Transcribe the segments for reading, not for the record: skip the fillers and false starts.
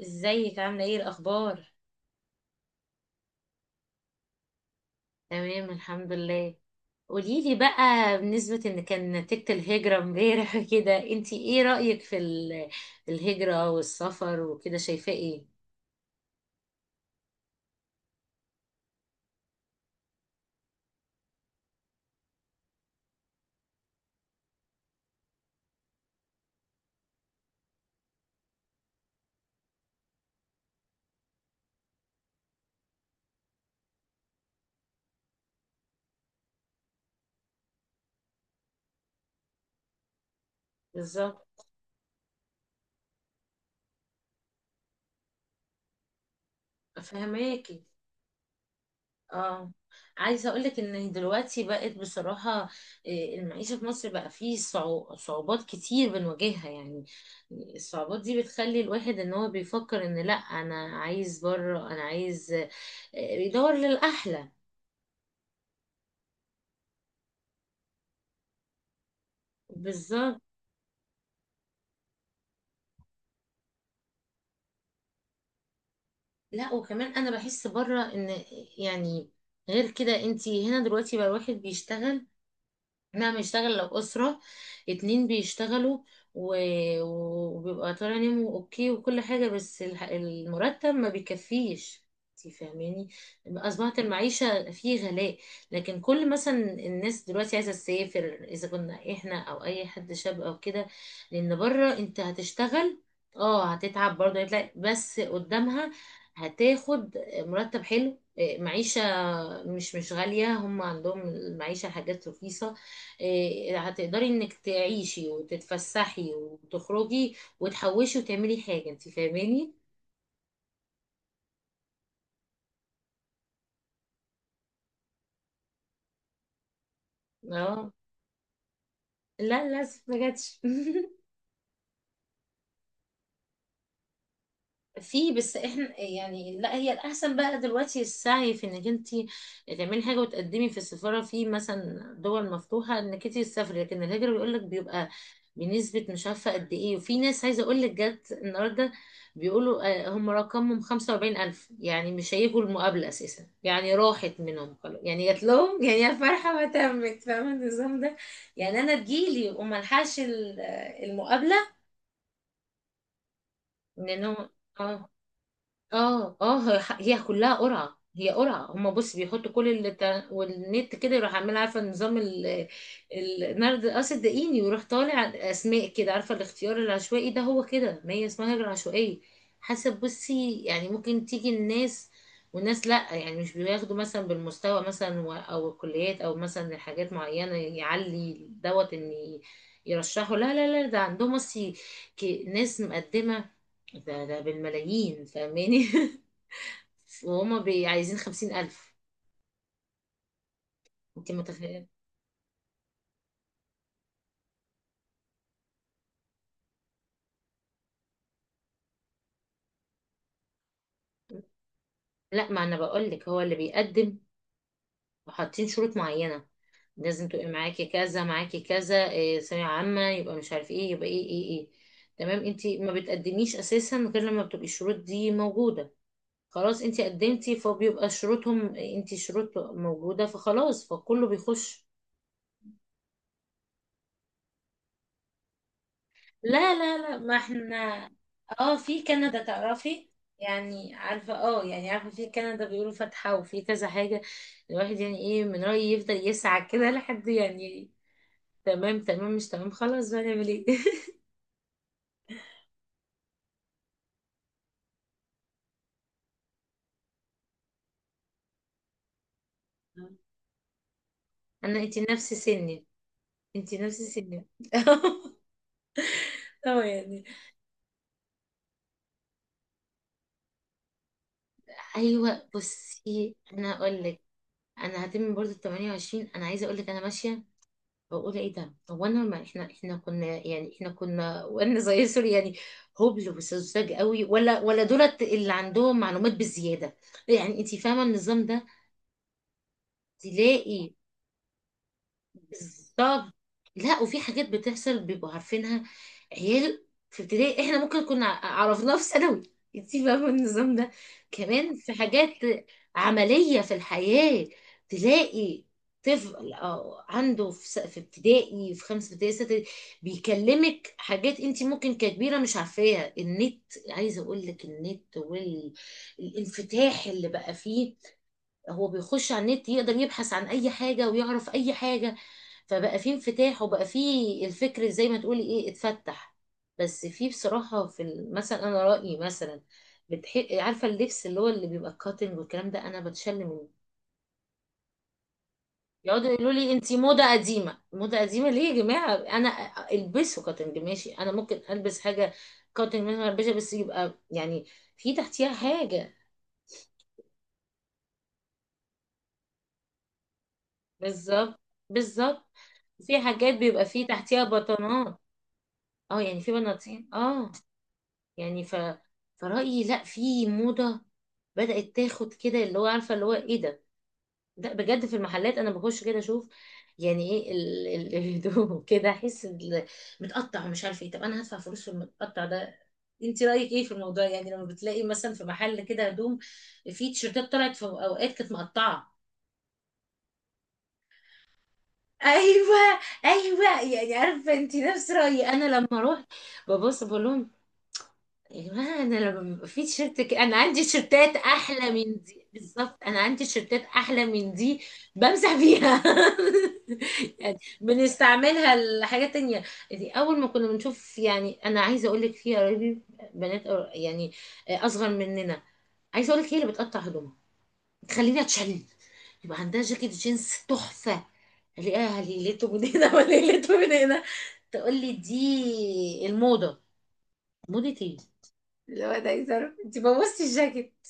ازيك عاملة ايه الأخبار؟ تمام الحمد لله. قوليلي بقى بالنسبة ان كان نتيجة الهجرة امبارح كده، انتي ايه رأيك في الهجرة والسفر وكده، شايفاه ايه؟ بالظبط. فهماكي. اه، عايزة اقولك ان دلوقتي بقت بصراحة المعيشة في مصر بقى فيه صعوبات كتير بنواجهها يعني. الصعوبات دي بتخلي الواحد ان هو بيفكر ان لا، انا عايز بره، انا عايز بيدور للأحلى. بالظبط. لا، وكمان انا بحس بره ان يعني غير كده، انتي هنا دلوقتي بقى الواحد بيشتغل، نعم، يشتغل لو أسرة اتنين بيشتغلوا و... وبيبقى طالع نيمو اوكي وكل حاجة، بس المرتب ما بيكفيش، انتي فاهماني. أصبحت المعيشة فيه غلاء. لكن كل مثلا الناس دلوقتي عايزة تسافر، إذا كنا إحنا أو أي حد شاب أو كده، لأن بره أنت هتشتغل، اه، هتتعب برضه، هتلاقي بس قدامها هتاخد مرتب حلو، معيشة مش غالية، هم عندهم المعيشة حاجات رخيصة، هتقدري انك تعيشي وتتفسحي وتخرجي وتحوشي وتعملي حاجة، انت فاهماني. اه. لا لا، ما جاتش. في، بس احنا يعني لا، هي الاحسن بقى دلوقتي السعي في انك انت تعملي حاجه وتقدمي في السفاره في مثلا دول مفتوحه انك انت تسافري، لكن الهجره بيقول لك بيبقى بنسبه مش عارفه قد ايه، وفي ناس عايزه اقول لك جت النهارده بيقولوا هم رقمهم 45000 يعني مش هيجوا المقابله اساسا، يعني راحت منهم خلاص، يعني جات لهم يعني يا فرحه ما تمت، فاهمه النظام ده. يعني انا تجيلي وما الحقش المقابله لانه. اه اه اه، هي هي كلها قرعة، هي قرعة، هما بص بيحطوا كل والنت كده يروح عامل، عارفة نظام النرد الأسد الدقيقي، ويروح طالع أسماء كده، عارفة الاختيار العشوائي ده، هو كده ما هي اسمها هجرة عشوائية حسب. بصي يعني ممكن تيجي الناس والناس لأ، يعني مش بياخدوا مثلا بالمستوى مثلا أو الكليات أو مثلا حاجات معينة يعلي دوت إن يرشحوا، لا لا لا، ده عندهم بصي ناس مقدمة ده ده بالملايين، فاهماني. وهما عايزين خمسين ألف، انت متخيلة. لا، ما انا بقولك هو اللي بيقدم، وحاطين شروط معينة لازم تبقي معاكي كذا معاكي كذا إيه ثانوية عامة يبقى مش عارف ايه يبقى ايه ايه ايه. تمام، انت ما بتقدميش اساسا غير لما بتبقي الشروط دي موجودة. خلاص انت قدمتي، فبيبقى شروطهم، انت شروط موجودة، فخلاص، فكله بيخش. لا، ما احنا اه في كندا تعرفي، يعني عارفة، اه، يعني عارفة في كندا بيقولوا فاتحة، وفي كذا حاجة. الواحد يعني ايه، من رأيي يفضل يسعى كده لحد يعني. تمام تمام، مش تمام، خلاص بقى نعمل ايه. انا انتي نفس سني، انتي نفس سني. اه، يعني ايوه. بصي، انا هقول لك، انا هتم برضه ال 28، انا عايزه اقول لك انا ماشيه بقول ايه ده، هو انا ما احنا احنا كنا يعني احنا كنا وانا زي سوري يعني هبل وسذاج قوي، ولا دولت اللي عندهم معلومات بزياده، يعني انت فاهمه النظام ده. تلاقي، بالظبط. لا، وفي حاجات بتحصل بيبقوا عارفينها، عيال في ابتدائي احنا ممكن كنا عرفناها في ثانوي، انتي فاهمة النظام ده. كمان في حاجات عملية في الحياة، تلاقي طفل أو عنده في في ابتدائي، في خمسة ابتدائي، ستة ابتدائي، بيكلمك حاجات انتي ممكن ككبيرة مش عارفاها. النت، عايزة اقول لك النت والانفتاح اللي بقى فيه، هو بيخش على النت يقدر يبحث عن اي حاجة ويعرف اي حاجة، فبقى فيه انفتاح، وبقى فيه الفكر زي ما تقولي ايه، اتفتح. بس فيه بصراحة في مثلا انا رأيي مثلا، عارفة اللبس اللي هو اللي بيبقى الكاتنج والكلام ده، انا بتشل منه. يقعدوا يقولوا لي انتي موضة قديمة، موضة قديمة ليه يا جماعة، انا البسه كاتنج ماشي، انا ممكن البس حاجة كاتنج ماشي، ما البسها، بس يبقى يعني في تحتيها حاجة. بالظبط بالظبط. في حاجات بيبقى في تحتيها بطانات. اه، يعني في بناطيل، اه. يعني ف، فرأيي لا، في موضة بدأت تاخد كده اللي هو، عارفة اللي هو ايه ده، ده بجد في المحلات، انا بخش كده اشوف يعني ايه الهدوم. كده احس متقطع، ومش عارفه ايه، طب انا هدفع فلوس في المتقطع ده. انت رأيك ايه في الموضوع يعني، لما بتلاقي مثلا في محل كده هدوم، في تيشيرتات طلعت في اوقات كانت مقطعة. ايوه ايوه، يعني عارفه انت نفس رايي. انا لما اروح ببص بقول لهم يا جماعة، أنا لما بيبقى في تيشيرت كده، أنا عندي تيشيرتات أحلى من دي بالظبط، أنا عندي تيشيرتات أحلى من دي، بمسح فيها. يعني بنستعملها لحاجات تانية. دي أول ما كنا بنشوف، يعني أنا عايزة أقول لك في قرايبي بنات يعني أصغر مننا، عايزة أقول لك هي اللي بتقطع هدومها تخليني أتشل، يبقى عندها جاكيت جينز تحفة، ألاقيها ليلته من هنا وليلته من هنا، تقول لي دي الموضة. موضة إيه؟ اللي هو ده يزار، انت بوظتي الجاكيت.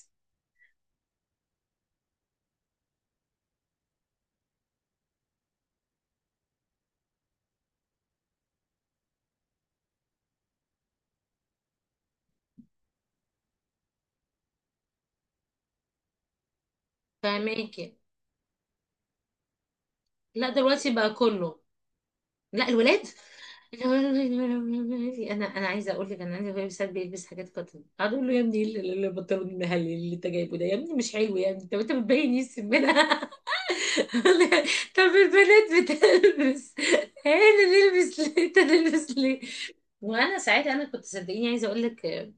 فاهماكي. لا دلوقتي بقى كله، لا الولاد. انا عايزه اقول لك انا عندي اخويا ساعات بيلبس حاجات قطن، اقعد اقول له يا ابني، ايه البنطلون المهلي اللي انت جايبه ده يا ابني، مش حلو يا ابني، طب انت بتبين ايه السمنه. طب البنات بتلبس، انا نلبس ليه، انت نلبس ليه. وانا ساعتها انا كنت صدقيني عايزه اقول لك،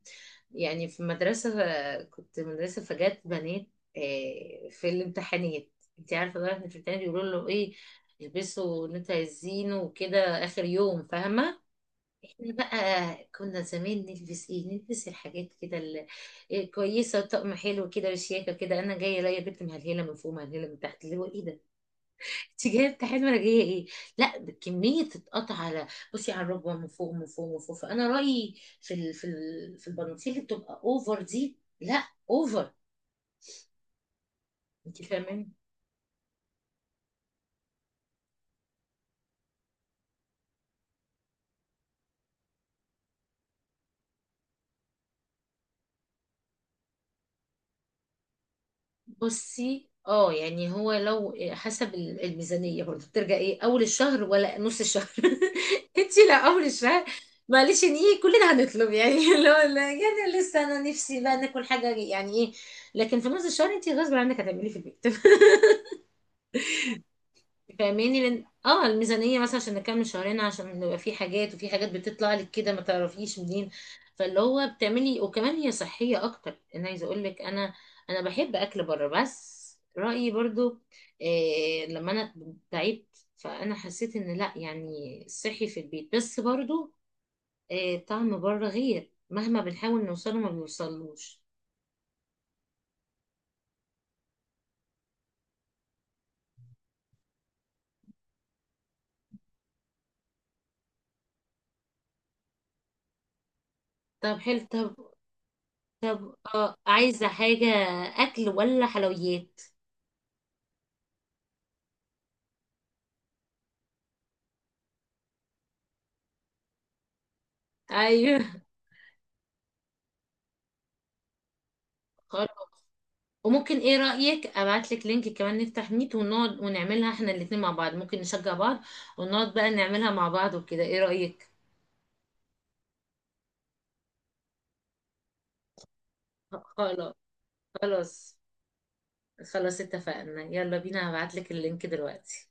يعني في مدرسه، كنت مدرسه، فجات بنات في الامتحانات، انت عارفه بقى في الامتحانات بيقولوا له ايه، يلبسوا ان انتوا عايزينه وكده اخر يوم، فاهمه. احنا بقى كنا زمان نلبس ايه، نلبس الحاجات كده كويسه، طقم حلو كده وشياكه كده، انا جايه الاقي بنت مهلهله من فوق مهلهله من تحت، اللي هو ايه ده، انت جايب كحيل مرجية ايه، لا كمية تتقطع على، بصي على الركبة، من فوق، فانا رأيي في ال... في ال... في البناطيل اللي بتبقى اوفر دي لا، اوفر، انت فاهماني. بصي اه، يعني هو لو حسب الميزانية برضه، بترجع ايه، اول الشهر ولا نص الشهر؟ انت لا، اول الشهر معلش ان ايه، كلنا هنطلب يعني، اللي هو لا يعني لسه، انا نفسي بقى ناكل حاجة يعني ايه، لكن في نص الشهر انت غصب عنك هتعملي إيه في البيت، فاهماني. لان اه الميزانيه مثلا عشان نكمل شهرين، عشان نبقى في حاجات، وفي حاجات بتطلع لك كده ما تعرفيش منين، فاللي هو بتعملي، وكمان هي صحيه اكتر. انا عايزه اقول لك انا بحب اكل بره، بس رايي برضو إيه، لما انا تعبت فانا حسيت ان لا يعني صحي في البيت، بس برضو إيه، طعم بره غير، مهما بنحاول نوصله ما بيوصلوش. طب حلو، طب عايزه حاجه اكل ولا حلويات؟ ايوه. وممكن ايه رأيك ابعت لك لينك كمان، نفتح ميت ونقعد ونعملها احنا الاتنين مع بعض، ممكن نشجع بعض، ونقعد بقى نعملها مع بعض وكده، ايه رأيك؟ خلاص. خلاص خلاص اتفقنا، يلا بينا، هبعت لك اللينك دلوقتي.